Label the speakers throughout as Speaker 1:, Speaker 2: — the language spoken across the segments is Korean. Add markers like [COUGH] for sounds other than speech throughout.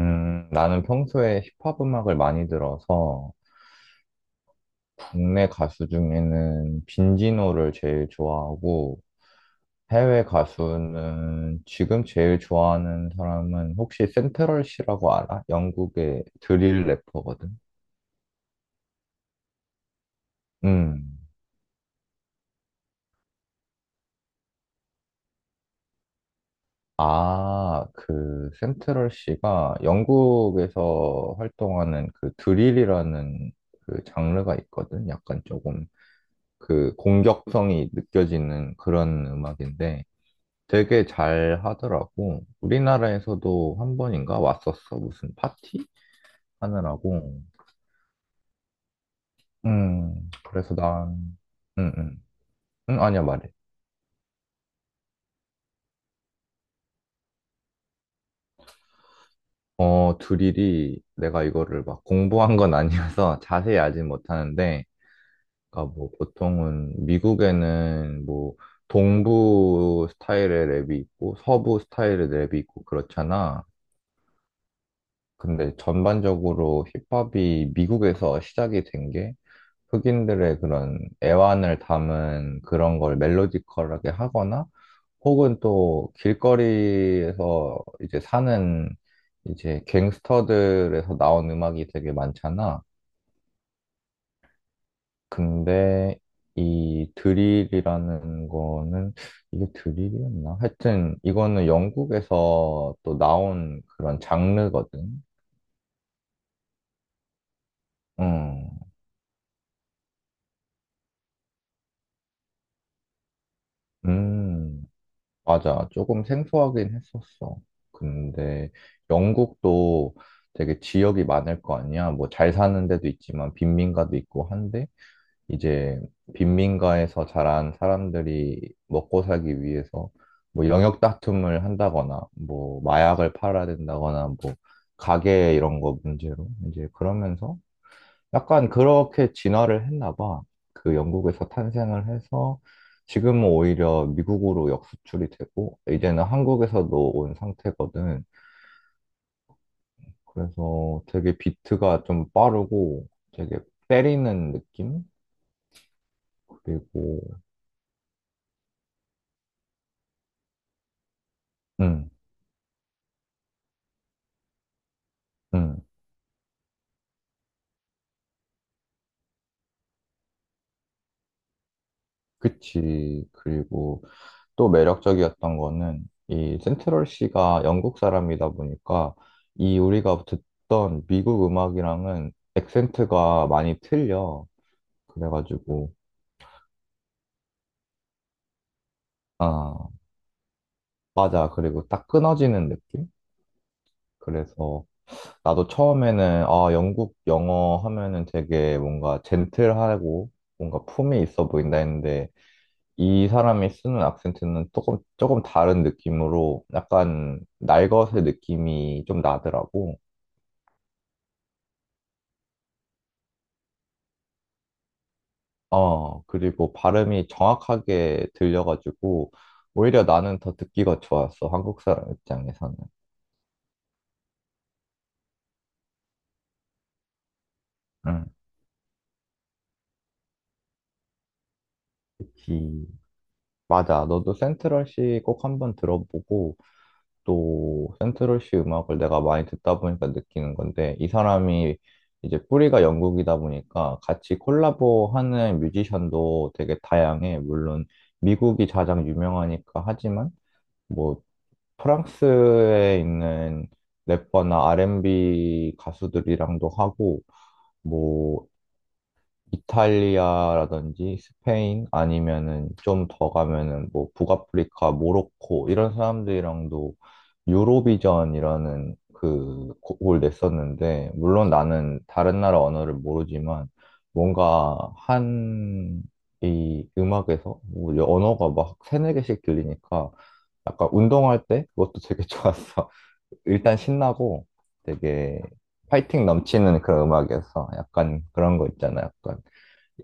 Speaker 1: 나는 평소에 힙합 음악을 많이 들어서 국내 가수 중에는 빈지노를 제일 좋아하고 해외 가수는 지금 제일 좋아하는 사람은 혹시 센트럴 씨라고 알아? 영국의 드릴 래퍼거든. 음. 아, 그 센트럴 씨가 영국에서 활동하는 그 드릴이라는 그 장르가 있거든. 약간 조금 그 공격성이 느껴지는 그런 음악인데 되게 잘 하더라고. 우리나라에서도 한 번인가 왔었어. 무슨 파티 하느라고. 그래서 난, 음, 음. 아니야, 말해. 어, 드릴이 내가 이거를 막 공부한 건 아니어서 [LAUGHS] 자세히 알진 못하는데, 그러니까 뭐 보통은 미국에는 뭐 동부 스타일의 랩이 있고 서부 스타일의 랩이 있고 그렇잖아. 근데 전반적으로 힙합이 미국에서 시작이 된게 흑인들의 그런 애환을 담은 그런 걸 멜로디컬하게 하거나 혹은 또 길거리에서 이제 사는 이제 갱스터들에서 나온 음악이 되게 많잖아. 근데 이 드릴이라는 거는 이게 드릴이었나? 하여튼 이거는 영국에서 또 나온 그런 장르거든. 음, 음. 맞아. 조금 생소하긴 했었어. 근데 영국도 되게 지역이 많을 거 아니야. 뭐 잘 사는 데도 있지만 빈민가도 있고 한데 이제 빈민가에서 자란 사람들이 먹고 살기 위해서 뭐 영역 다툼을 한다거나 뭐 마약을 팔아야 된다거나 뭐 가게 이런 거 문제로 이제 그러면서 약간 그렇게 진화를 했나 봐. 그 영국에서 탄생을 해서 지금은 오히려 미국으로 역수출이 되고 이제는 한국에서도 온 상태거든. 그래서 되게 비트가 좀 빠르고 되게 때리는 느낌? 그리고 음, 음, 그치. 그리고 또 매력적이었던 거는 이 센트럴 씨가 영국 사람이다 보니까 이 우리가 듣던 미국 음악이랑은 액센트가 많이 틀려. 그래가지고, 아, 맞아. 그리고 딱 끊어지는 느낌? 그래서 나도 처음에는, 아, 영국 영어 하면은 되게 뭔가 젠틀하고 뭔가 품이 있어 보인다 했는데, 이 사람이 쓰는 악센트는 조금, 조금 다른 느낌으로 약간 날것의 느낌이 좀 나더라고. 어, 그리고 발음이 정확하게 들려가지고, 오히려 나는 더 듣기가 좋았어. 한국 사람 입장에서는. 응. 특히 맞아. 너도 센트럴시 꼭 한번 들어보고 또 센트럴시 음악을 내가 많이 듣다 보니까 느끼는 건데 이 사람이 이제 뿌리가 영국이다 보니까 같이 콜라보하는 뮤지션도 되게 다양해. 물론 미국이 가장 유명하니까 하지만 뭐 프랑스에 있는 래퍼나 R&B 가수들이랑도 하고 뭐 이탈리아라든지 스페인 아니면은 좀 더 가면은 뭐 북아프리카, 모로코 이런 사람들이랑도 유로비전이라는 그 곡을 냈었는데 물론 나는 다른 나라 언어를 모르지만 뭔가 한 이 음악에서 뭐 언어가 막 세네 개씩 들리니까 약간 운동할 때 그것도 되게 [LAUGHS] 좋았어. 일단 신나고 되게 파이팅 넘치는 그런 음악이어서 약간 그런 거 있잖아. 약간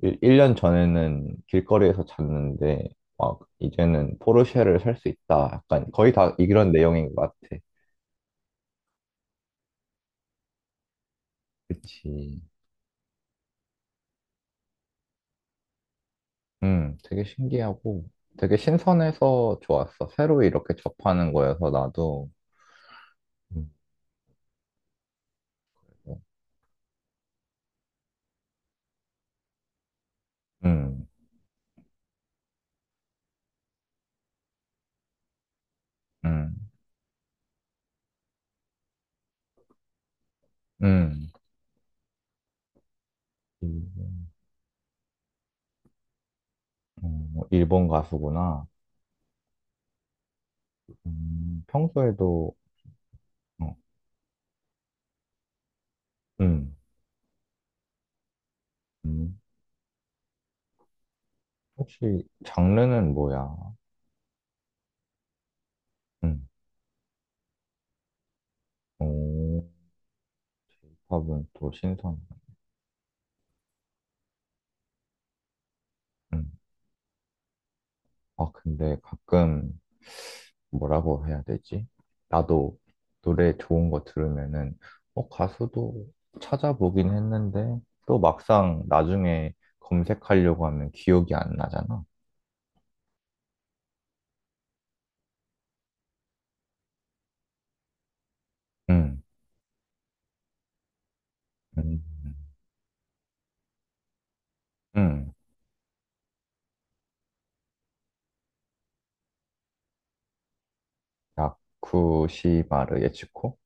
Speaker 1: 1년 전에는 길거리에서 잤는데 막 이제는 포르쉐를 살 수 있다. 약간 거의 다 이런 내용인 것 같아. 그치. 되게 신기하고 되게 신선해서 좋았어. 새로 이렇게 접하는 거여서 나도. 음, 음, 음. 음. 일본, 어, 일본 가수구나. 평소에도, 어, 음, 음. 혹시 장르는 뭐야? 음, 오, j 팝은 또 신선. 음. 아, 근데 가끔 뭐라고 해야 되지? 나도 노래 좋은 거 들으면은, 어, 가수도 찾아보긴 했는데, 또 막상 나중에 검색하려고 하면 기억이 안 나잖아. 응, 응, 응. 야쿠시마르 예치코?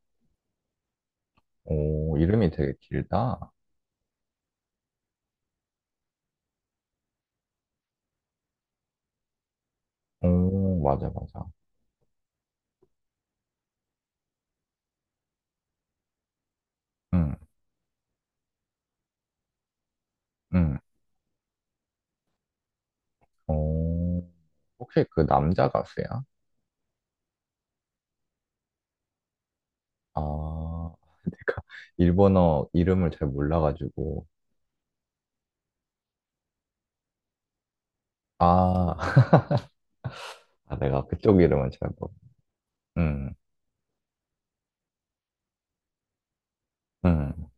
Speaker 1: 오, 이름이 되게 길다. 오, 맞아, 맞아. 응, 응. 오, 혹시 그 남자 가수야? 아, [LAUGHS] 내가 일본어 이름을 잘 몰라가지고, 아, [LAUGHS] 아, 내가 그쪽 이름은 잘 모르. 음, 음,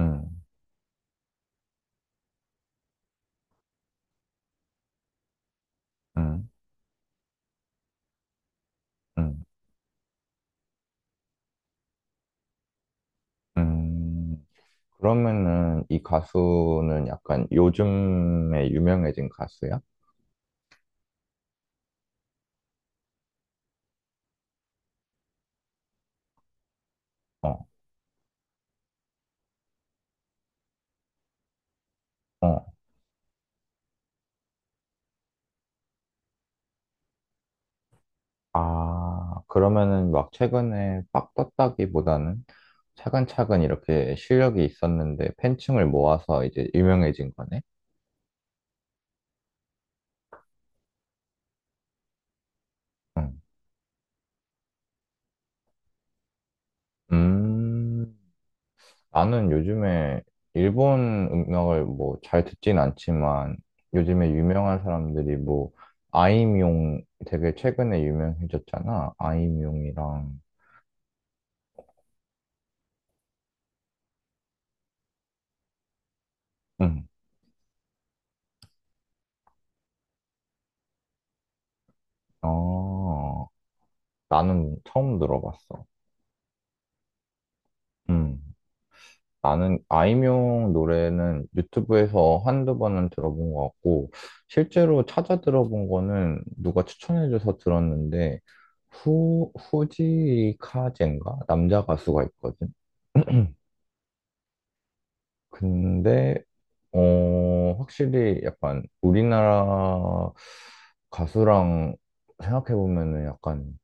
Speaker 1: 음, 음, 음, 음. 그러면은 이 가수는 약간 요즘에 유명해진 가수야? 어, 어. 아, 그러면은 막 최근에 빡 떴다기보다는 차근차근 이렇게 실력이 있었는데 팬층을 모아서 이제 유명해진 거네? 응. 음, 나는 요즘에 일본 음악을 뭐 잘 듣진 않지만 요즘에 유명한 사람들이 뭐 아이미용 되게 최근에 유명해졌잖아. 아이미용이랑 응. 어. 나는 처음 들어봤어. 음. 나는 아이미용 노래는 유튜브에서 한두 번은 들어본 것 같고 실제로 찾아 들어본 거는 누가 추천해줘서 들었는데 후 후지카젠가 남자 가수가 있거든. [CLEARS THROAT] 근데 확실히 약간 우리나라 가수랑 생각해 보면은 약간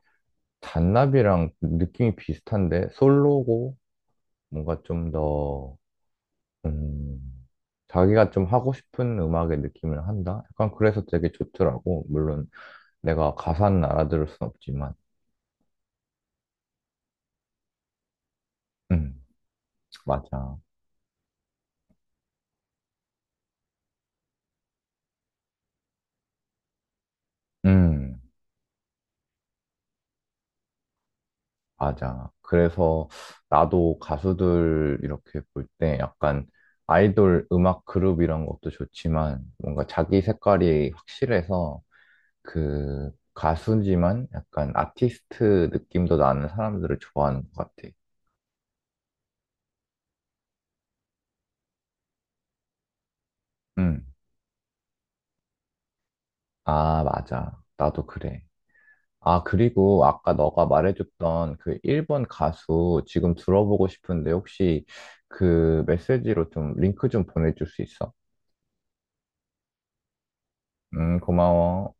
Speaker 1: 잔나비랑 느낌이 비슷한데 솔로고 뭔가 좀 더 음, 자기가 좀 하고 싶은 음악의 느낌을 한다. 약간 그래서 되게 좋더라고. 물론 내가 가사는 알아들을 순 없지만, 음 맞아. 음 맞아. 그래서 나도 가수들 이렇게 볼 때 약간 아이돌 음악 그룹 이런 것도 좋지만 뭔가 자기 색깔이 확실해서 그 가수지만 약간 아티스트 느낌도 나는 사람들을 좋아하는 것 같아. 응. 아, 맞아. 나도 그래. 아, 그리고 아까 너가 말해줬던 그 일본 가수 지금 들어보고 싶은데 혹시 그 메시지로 좀 링크 좀 보내줄 수 있어? 고마워.